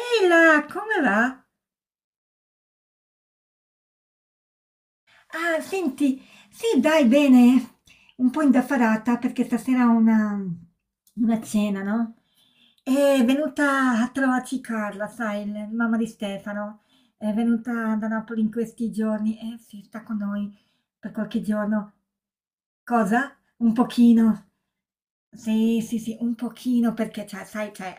Ehi là, come va? Ah, senti, sì, dai, bene. Un po' indaffarata perché stasera ho una cena, no? È venuta a trovarci Carla, sai, mamma di Stefano. È venuta da Napoli in questi giorni e si sta con noi per qualche giorno. Cosa? Un pochino. Sì, sì, sì, un pochino perché, cioè, sai, cioè,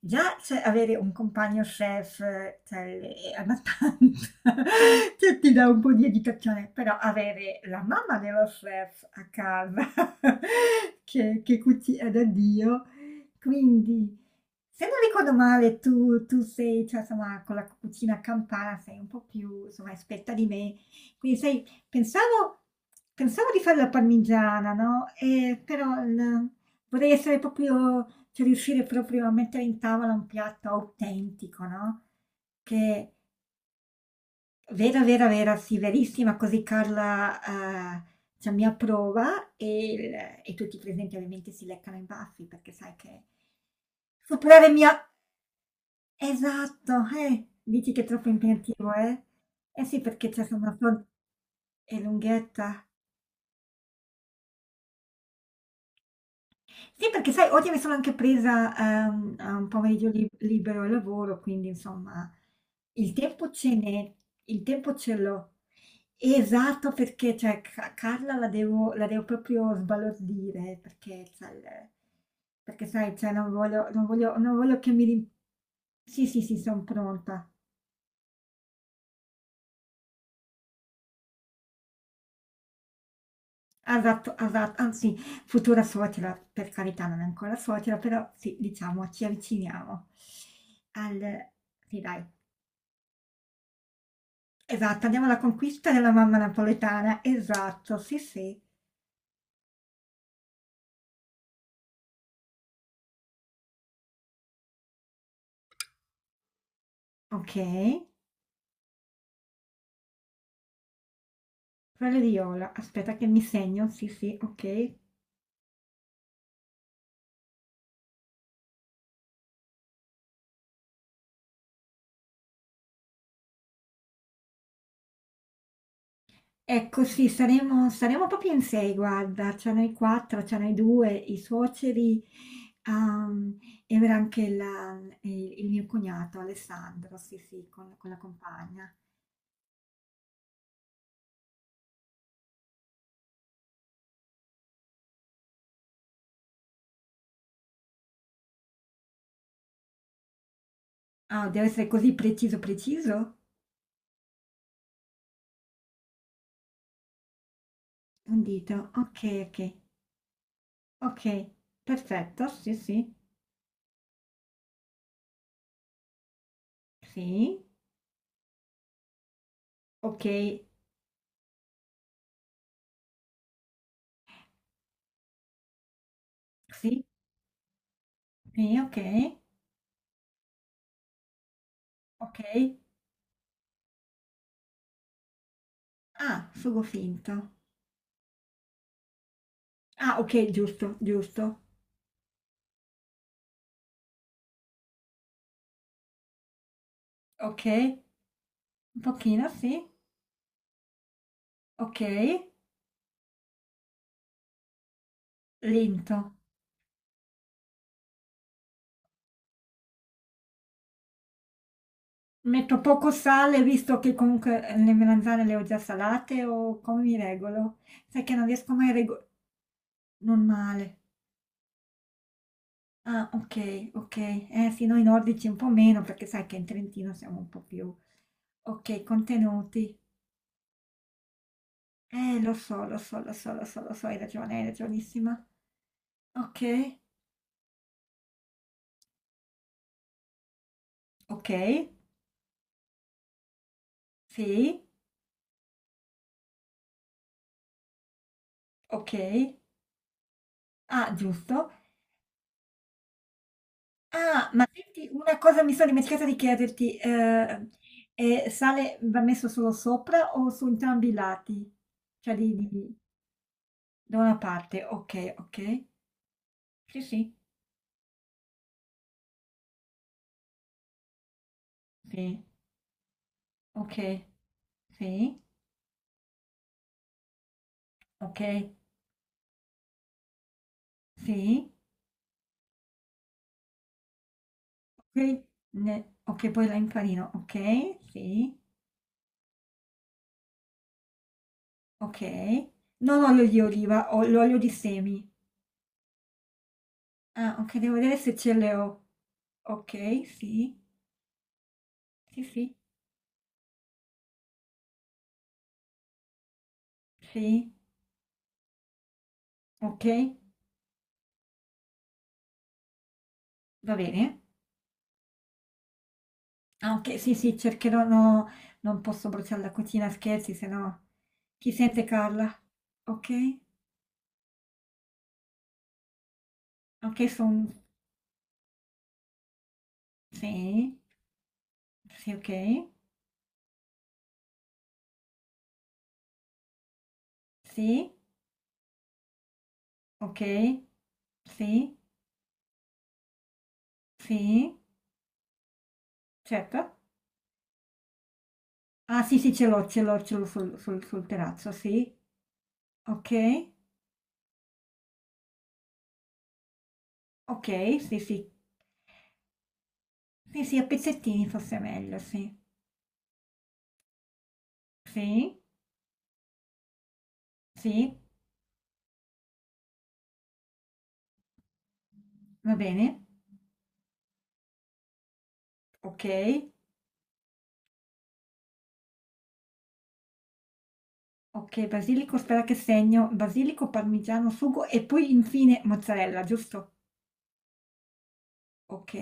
già cioè, avere un compagno chef, cioè, è abbastanza, cioè, ti dà un po' di agitazione, però avere la mamma dello chef a casa che cucina da Dio. Quindi, se non ricordo male, tu sei, cioè, insomma, con la cucina campana sei un po' più, insomma, esperta di me. Quindi, sai, pensavo di fare la parmigiana, no? Però vorrei essere proprio, cioè, riuscire proprio a mettere in tavola un piatto autentico, no? Che, Vera, vera, vera, sì, verissima, così Carla, cioè mi approva e tutti i presenti ovviamente si leccano i baffi perché sai che superare mia esatto, dici che è troppo impegnativo, eh? Eh sì, perché cioè sono son è lunghetta. Sì, perché sai, oggi mi sono anche presa, a un pomeriggio libero al lavoro, quindi insomma il tempo ce n'è, il tempo ce l'ho. Esatto, perché cioè, Carla la devo proprio sbalordire, perché sai, cioè, non voglio che Sì, sì, sì, sono pronta. Esatto, esatto, anzi, futura suocera, per carità, non è ancora suocera, però sì, diciamo, ci avviciniamo al. Sì, dai. Esatto, andiamo alla conquista della mamma napoletana, esatto, sì, sì, okay. Quelle di Iola, aspetta che mi segno, sì, sì, okay. Ecco sì, saremo proprio in 6 guarda, cioè noi 4, cioè noi 2, i suoceri, uhm, e verrà anche la il mio cognato Alessandro, sì, sì, con la compagna. Ah, deve essere così preciso, preciso? Un dito, okay, okay, okay, perfetto, sì, sì, sì, okay, sì. Sì, ok, ok. Ah, sugo finto. Ah, ok, giusto, giusto. Ok, un pochino, sì. Ok, lento. Metto poco sale, visto che comunque le melanzane le ho già salate, o come mi regolo? Sai che non riesco mai a regolare. Non male. Ah, ok, ok. Eh sì, noi nordici un po' meno, perché sai che in Trentino siamo un po' più. Ok, contenuti. Lo so, lo so, lo so, lo so, lo so, hai ragione, hai ragionissima. Ok, okay, sì, okay. Ah, giusto. Ah, ma senti una cosa mi sono dimenticata di chiederti, sale va messo solo sopra o su entrambi i lati? Cioè di da una parte, okay, okay. Sì, sì, sì, okay, sì, okay, sì, okay, ne okay, poi la infarina, okay, sì, okay. Non olio di oliva, ho l'olio di semi. Ah, okay, devo vedere se ce le ho. Okay, sì. Sì, sì, sì, ok, va bene. Ah, ok, sì, sì, cercherò, no, non posso bruciare la cucina, scherzi, se no chi sente Carla? Ok, ok, sono. Sì, sì, ok, sì, ok, sì, sì, certo. Ah, sì, sì, ce l'ho, ce l'ho, ce l'ho sul terrazzo, sì, ok, ok, sì, sì, sì, sì, a pezzettini forse è meglio, sì, sì, sì, va bene, ok. Ok, basilico, aspetta che segno, basilico, parmigiano, sugo e poi infine mozzarella, giusto? Ok,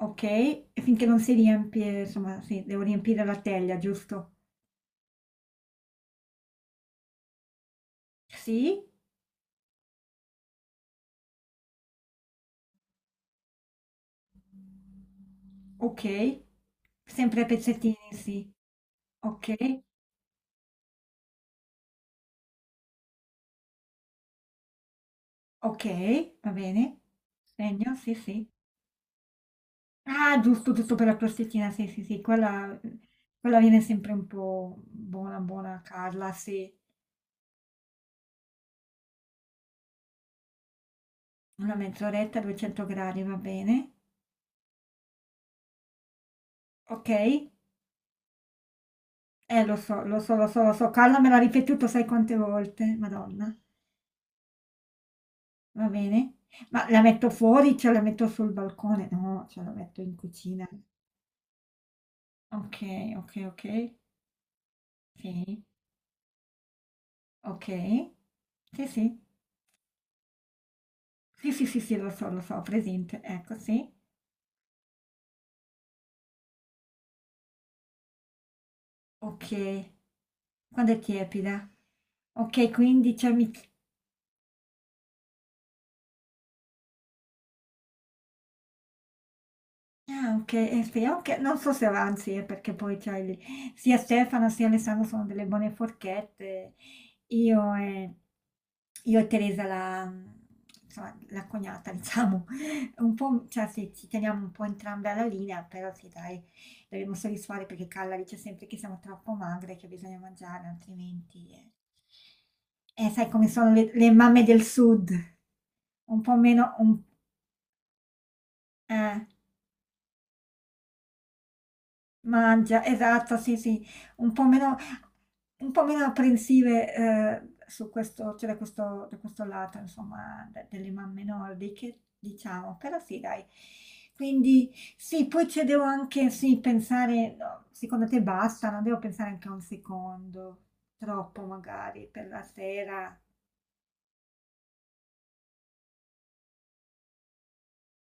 ok, e finché non si riempie, insomma, sì, devo riempire la teglia, giusto? Sì, ok, sempre a pezzettini, sì. Ok, ok, va bene. Segno, sì, sì. Ah, giusto, giusto per la crostettina, sì, sì, sì, quella viene sempre un po' buona, buona, Carla, sì. Una mezz'oretta, 200 gradi, va bene. Ok. Lo so, lo so, lo so, lo so. Carla me l'ha ripetuto sai quante volte, Madonna. Va bene. Ma la metto fuori, cioè la metto sul balcone? No, cioè la metto in cucina. Okay, okay, okay. Sì, okay. Sì, sì. Sì, sì, sì, sì, lo so, ho presente. Ecco, sì. Okay. Quando è tiepida. Okay, quindi cioè mi. Ah okay, e speriamo che non so se avanzi, perché poi c'hai lì sia Stefano sia Alessandro sono delle buone forchette. Io e io e Teresa, la, insomma, la cognata diciamo, un po' cioè sì, ci teniamo un po' entrambe alla linea, però sì dai, dovremmo soddisfare perché Carla dice sempre che siamo troppo magre, e che bisogna mangiare altrimenti. Sai come sono le mamme del sud, un po' meno un eh. Mangia, esatto, sì, sì, un po' meno, un po' meno apprensive su questo, cioè da questo lato, insomma, delle mamme nordiche, diciamo, però sì, dai. Quindi sì, poi ci devo anche, sì, pensare, no, secondo te basta, non devo pensare anche a un secondo, troppo magari, per la sera.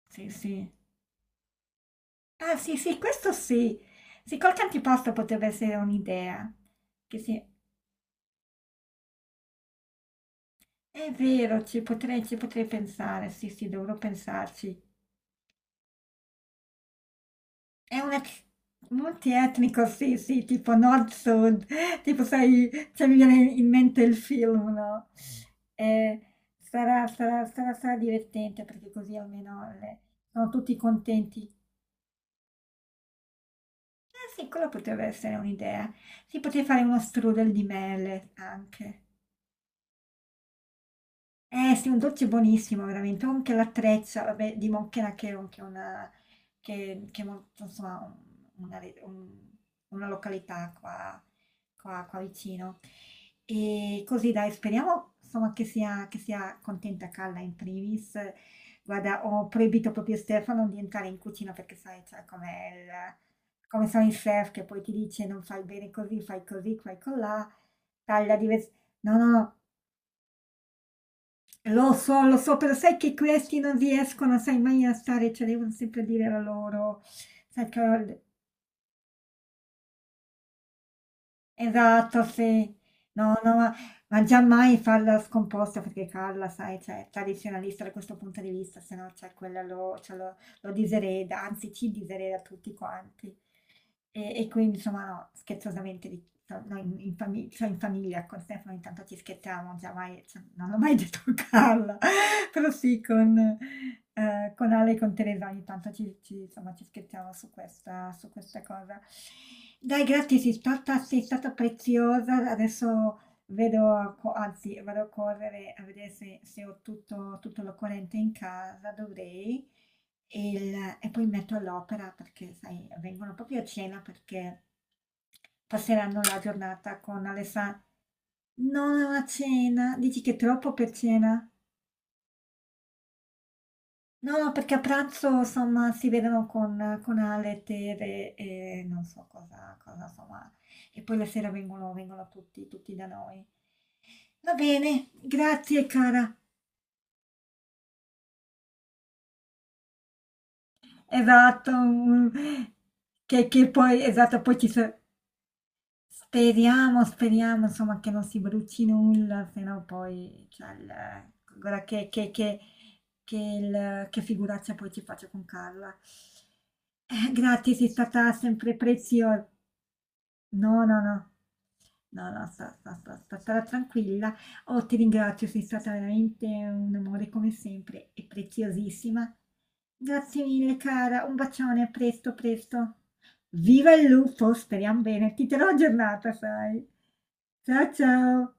Sì, sì. Ah, sì, sì, questo sì. Sì, qualche antipasto potrebbe essere un'idea. Che sì. È vero, ci potrei pensare, sì, sì, dovrò pensarci. È un ex- multietnico, sì, sì, tipo nord-sud, tipo sai, cioè mi viene in mente il film, no? Eh, sarà divertente perché così almeno sono tutti contenti. Eh sì, quella potrebbe essere un'idea. Si poteva fare uno strudel di mele anche. Eh sì, un dolce buonissimo veramente, con anche l'attrezza, vabbè, di Monchena che è molto, insomma, una località qua, qua vicino. E così dai, speriamo insomma, che sia contenta Calla in primis. Guarda, ho proibito proprio a Stefano di entrare in cucina perché sai, cioè, il- come sono i chef che poi ti dice non fai bene così, fai colà, taglia diversamente. No, no, no. Lo so, però sai che questi non riescono, sai, mai a stare, cioè devono sempre dire la loro. Sai che- Esatto, sì. No, no, ma già mai farla scomposta perché Carla, sai, cioè, è tradizionalista da questo punto di vista, se no, cioè, quella cioè, lo disereda, anzi ci disereda tutti quanti. E quindi, insomma, no, scherzosamente, no, noi cioè, in famiglia con Stefano intanto ci scherziamo, già mai, cioè, non ho mai detto a Carla. Però sì, con Ale e con Teresa ogni tanto ci insomma, ci scherziamo su questa cosa. Dai, grazie, sei stata preziosa. Adesso vedo a co anzi, vado a correre a vedere se ho tutto l'occorrente in casa, dovrei, e il e poi mi metto all'opera perché, sai, vengono proprio a cena perché passeranno la giornata con Alessa. No, è una cena. Dici che è troppo per cena? No, no, perché a pranzo, insomma, si vedono con Ale, Tere e non so cosa, cosa, insomma. E poi la sera vengono tutti, tutti da noi. Va bene, grazie cara. Esatto. Che poi, esatto, poi speriamo, insomma, che non si bruci nulla, se no poi, cioè, guarda che figuraccia poi ci faccio con Carla. Grazie, sei stata sempre preziosa. No, no, no. No, no, stare tranquilla. Oh, ti ringrazio, sei stata veramente un amore come sempre e preziosissima. Grazie mille, cara. Un bacione, a presto, presto. Viva il lupo, speriamo bene. Ti terrò aggiornata, sai. Ciao, ciao.